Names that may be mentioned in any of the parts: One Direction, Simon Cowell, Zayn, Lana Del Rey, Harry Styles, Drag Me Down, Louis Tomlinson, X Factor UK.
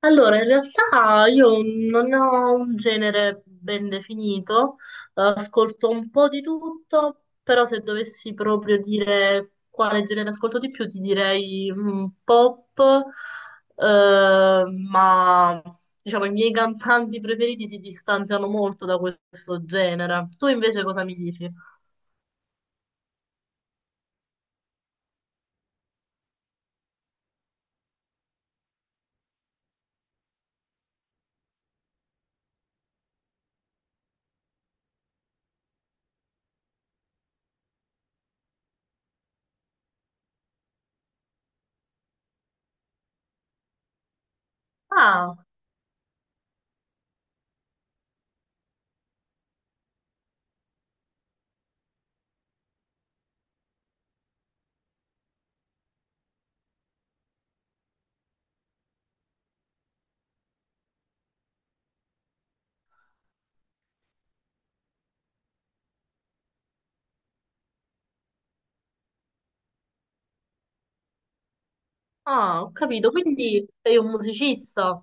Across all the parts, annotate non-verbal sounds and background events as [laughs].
Allora, in realtà io non ho un genere ben definito, ascolto un po' di tutto, però se dovessi proprio dire quale genere ascolto di più, ti direi pop, eh, ma diciamo i miei cantanti preferiti si distanziano molto da questo genere. Tu invece cosa mi dici? Ah, ah, ho capito, quindi sei un musicista.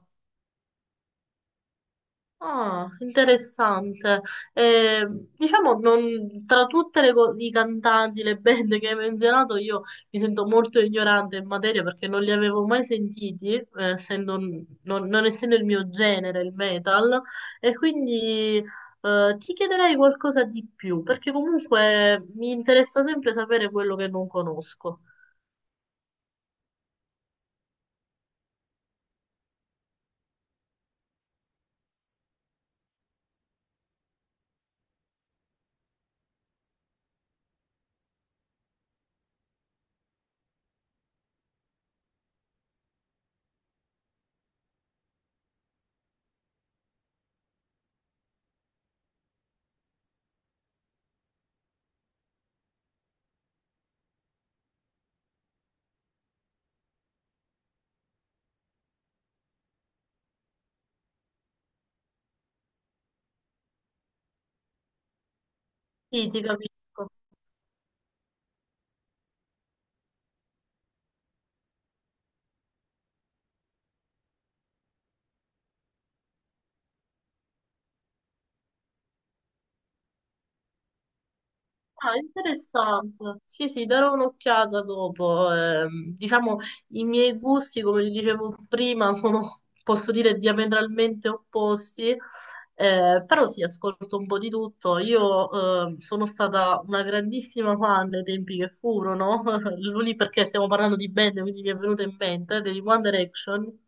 Ah, interessante. Eh, diciamo, tra tutte le, i cantanti, le band che hai menzionato, io mi sento molto ignorante in materia perché non li avevo mai sentiti, non essendo il mio genere, il metal, e quindi ti chiederei qualcosa di più, perché comunque mi interessa sempre sapere quello che non conosco. Sì, ti capisco. Ah, interessante. Sì, sì, darò un'occhiata dopo. Diciamo, i miei gusti, come ti dicevo prima, sono, [laughs] posso dire, diametralmente opposti, però sì, ascolto un po' di tutto. Io sono stata una grandissima fan dei tempi che furono, [laughs] lì perché stiamo parlando di band, quindi mi è venuto in mente, degli One Direction.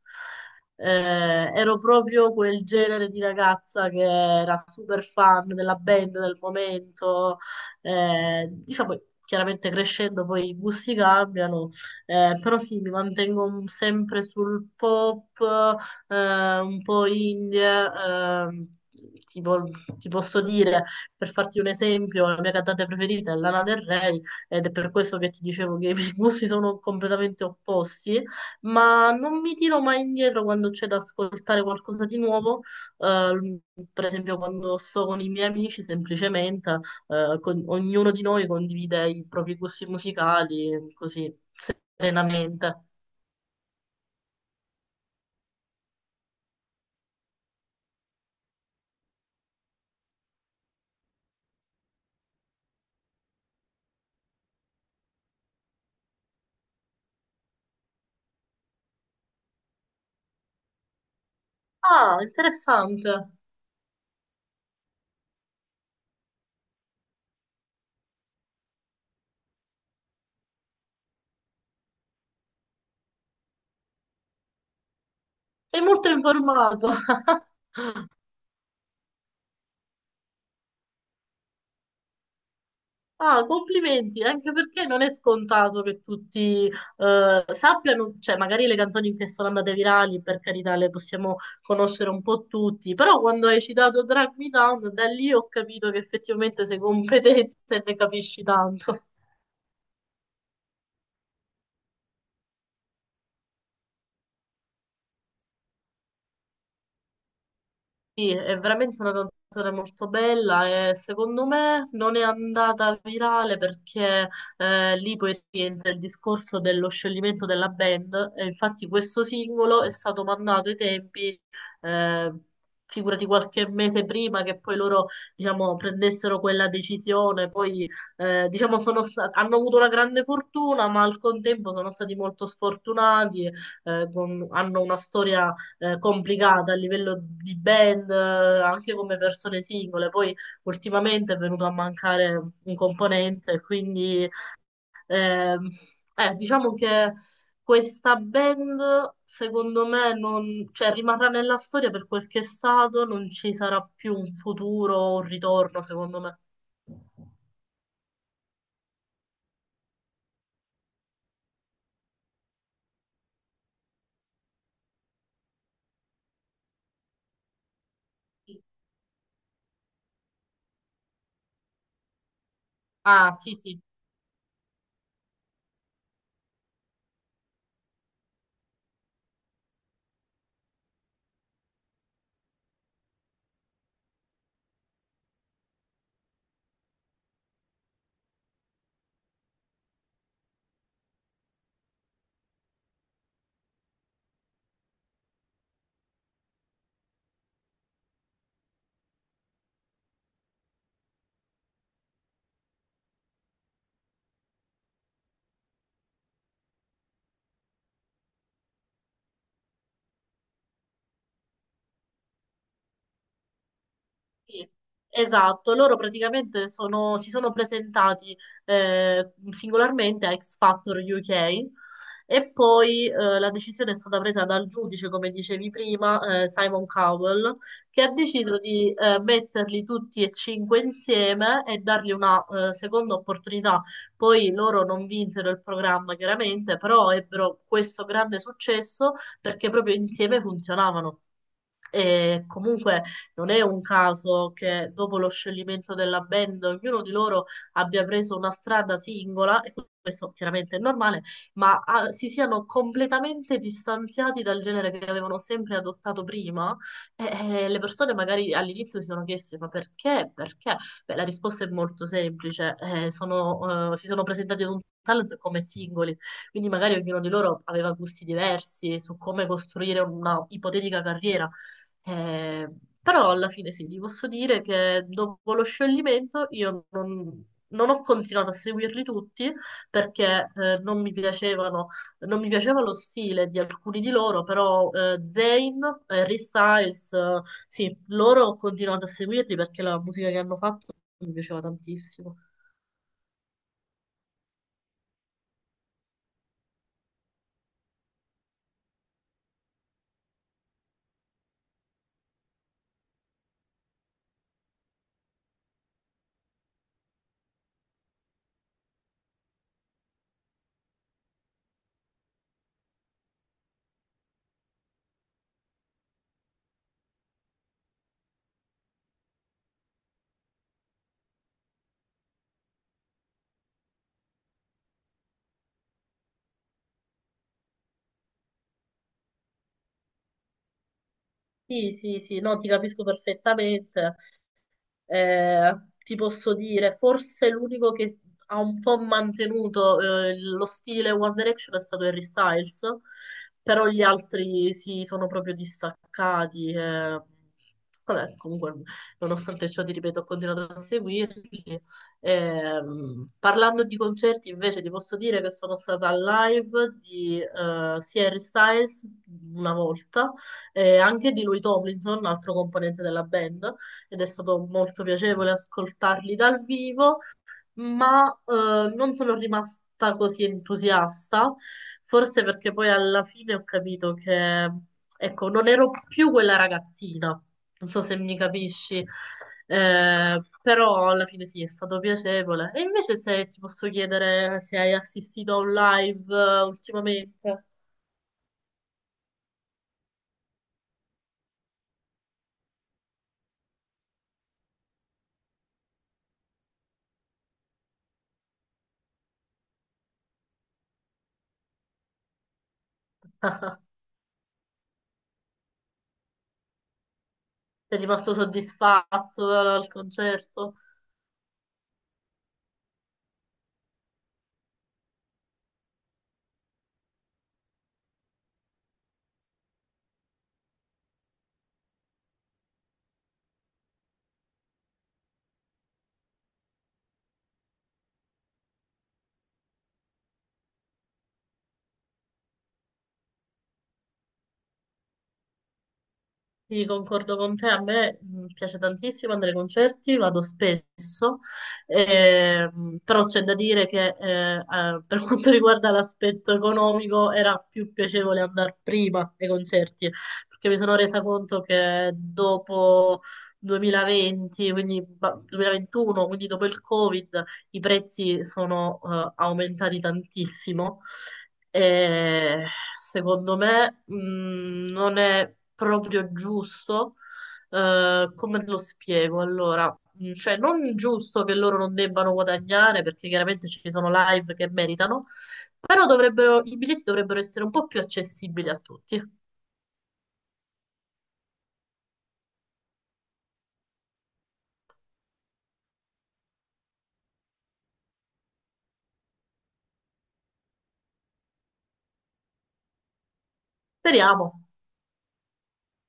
Eh, Ero proprio quel genere di ragazza che era super fan della band del momento diciamo, chiaramente crescendo poi i gusti cambiano, però sì, mi mantengo sempre sul pop, un po' indie. ehm, Tipo, ti posso dire, per farti un esempio, la mia cantante preferita è Lana Del Rey ed è per questo che ti dicevo che i miei [laughs] gusti sono completamente opposti, ma non mi tiro mai indietro quando c'è da ascoltare qualcosa di nuovo, eh, per esempio quando sto con i miei amici semplicemente ognuno di noi condivide i propri gusti musicali, così, serenamente. Ah, interessante. Sei molto informato. [laughs] Ah, complimenti, anche perché non è scontato che tutti sappiano, cioè magari le canzoni che sono andate virali, per carità, le possiamo conoscere un po' tutti, però quando hai citato Drag Me Down, da lì ho capito che effettivamente sei competente e ne capisci tanto. Sì, è veramente una canzone molto bella e secondo me non è andata virale perché lì poi rientra il discorso dello scioglimento della band e infatti questo singolo è stato mandato ai tempi, eh, figurati qualche mese prima che poi loro diciamo, prendessero quella decisione, poi diciamo, hanno avuto una grande fortuna ma al contempo sono stati molto sfortunati, hanno una storia complicata a livello di band, anche come persone singole. Poi ultimamente è venuto a mancare un componente, quindi ehm, diciamo che questa band, secondo me, non, cioè, rimarrà nella storia per quel che è stato, non ci sarà più un futuro o un ritorno, secondo me. Ah, sì, sì. Sì, esatto, loro praticamente si sono presentati singolarmente a X Factor UK e poi la decisione è stata presa dal giudice, come dicevi prima, Simon Cowell, che ha deciso di metterli tutti e cinque insieme e dargli una seconda opportunità. Poi loro non vinsero il programma, chiaramente, però ebbero questo grande successo perché proprio insieme funzionavano. E comunque non è un caso che dopo lo scioglimento della band ognuno di loro abbia preso una strada singola, e questo chiaramente è normale, ma si siano completamente distanziati dal genere che avevano sempre adottato prima. E le persone magari all'inizio si sono chieste: ma perché? Perché? Beh, la risposta è molto semplice. Si sono presentati ad un talent come singoli, quindi magari ognuno di loro aveva gusti diversi su come costruire una ipotetica carriera. Eh, Però alla fine sì, ti posso dire che dopo lo scioglimento io non ho continuato a seguirli tutti perché non mi piacevano, non mi piaceva lo stile di alcuni di loro, però Zayn, Harry Styles, sì, loro ho continuato a seguirli perché la musica che hanno fatto mi piaceva tantissimo. Sì, sì, sì, no, ti capisco perfettamente. Eh, Ti posso dire, forse l'unico che ha un po' mantenuto lo stile One Direction è stato Harry Styles, però gli altri si sono proprio distaccati. Vabbè, comunque, nonostante ciò, ti ripeto, ho continuato a seguirli. Parlando di concerti, invece, ti posso dire che sono stata al live di sia Harry Styles una volta, e anche di Louis Tomlinson, un altro componente della band ed è stato molto piacevole ascoltarli dal vivo, ma non sono rimasta così entusiasta, forse perché poi alla fine ho capito che, ecco, non ero più quella ragazzina, non so se mi capisci, però alla fine sì, è stato piacevole. E invece se ti posso chiedere se hai assistito a un live ultimamente, [laughs] sei rimasto soddisfatto dal concerto? Sì, concordo con te, a me piace tantissimo andare ai concerti, vado spesso, però c'è da dire che per [laughs] quanto riguarda l'aspetto economico era più piacevole andare prima ai concerti, perché mi sono resa conto che dopo 2020, quindi 2021, quindi dopo il Covid, i prezzi sono aumentati tantissimo e secondo me, non è proprio giusto. Come te lo spiego? Allora, cioè, non giusto che loro non debbano guadagnare perché chiaramente ci sono live che meritano, però dovrebbero, i biglietti dovrebbero essere un po' più accessibili a tutti. Speriamo.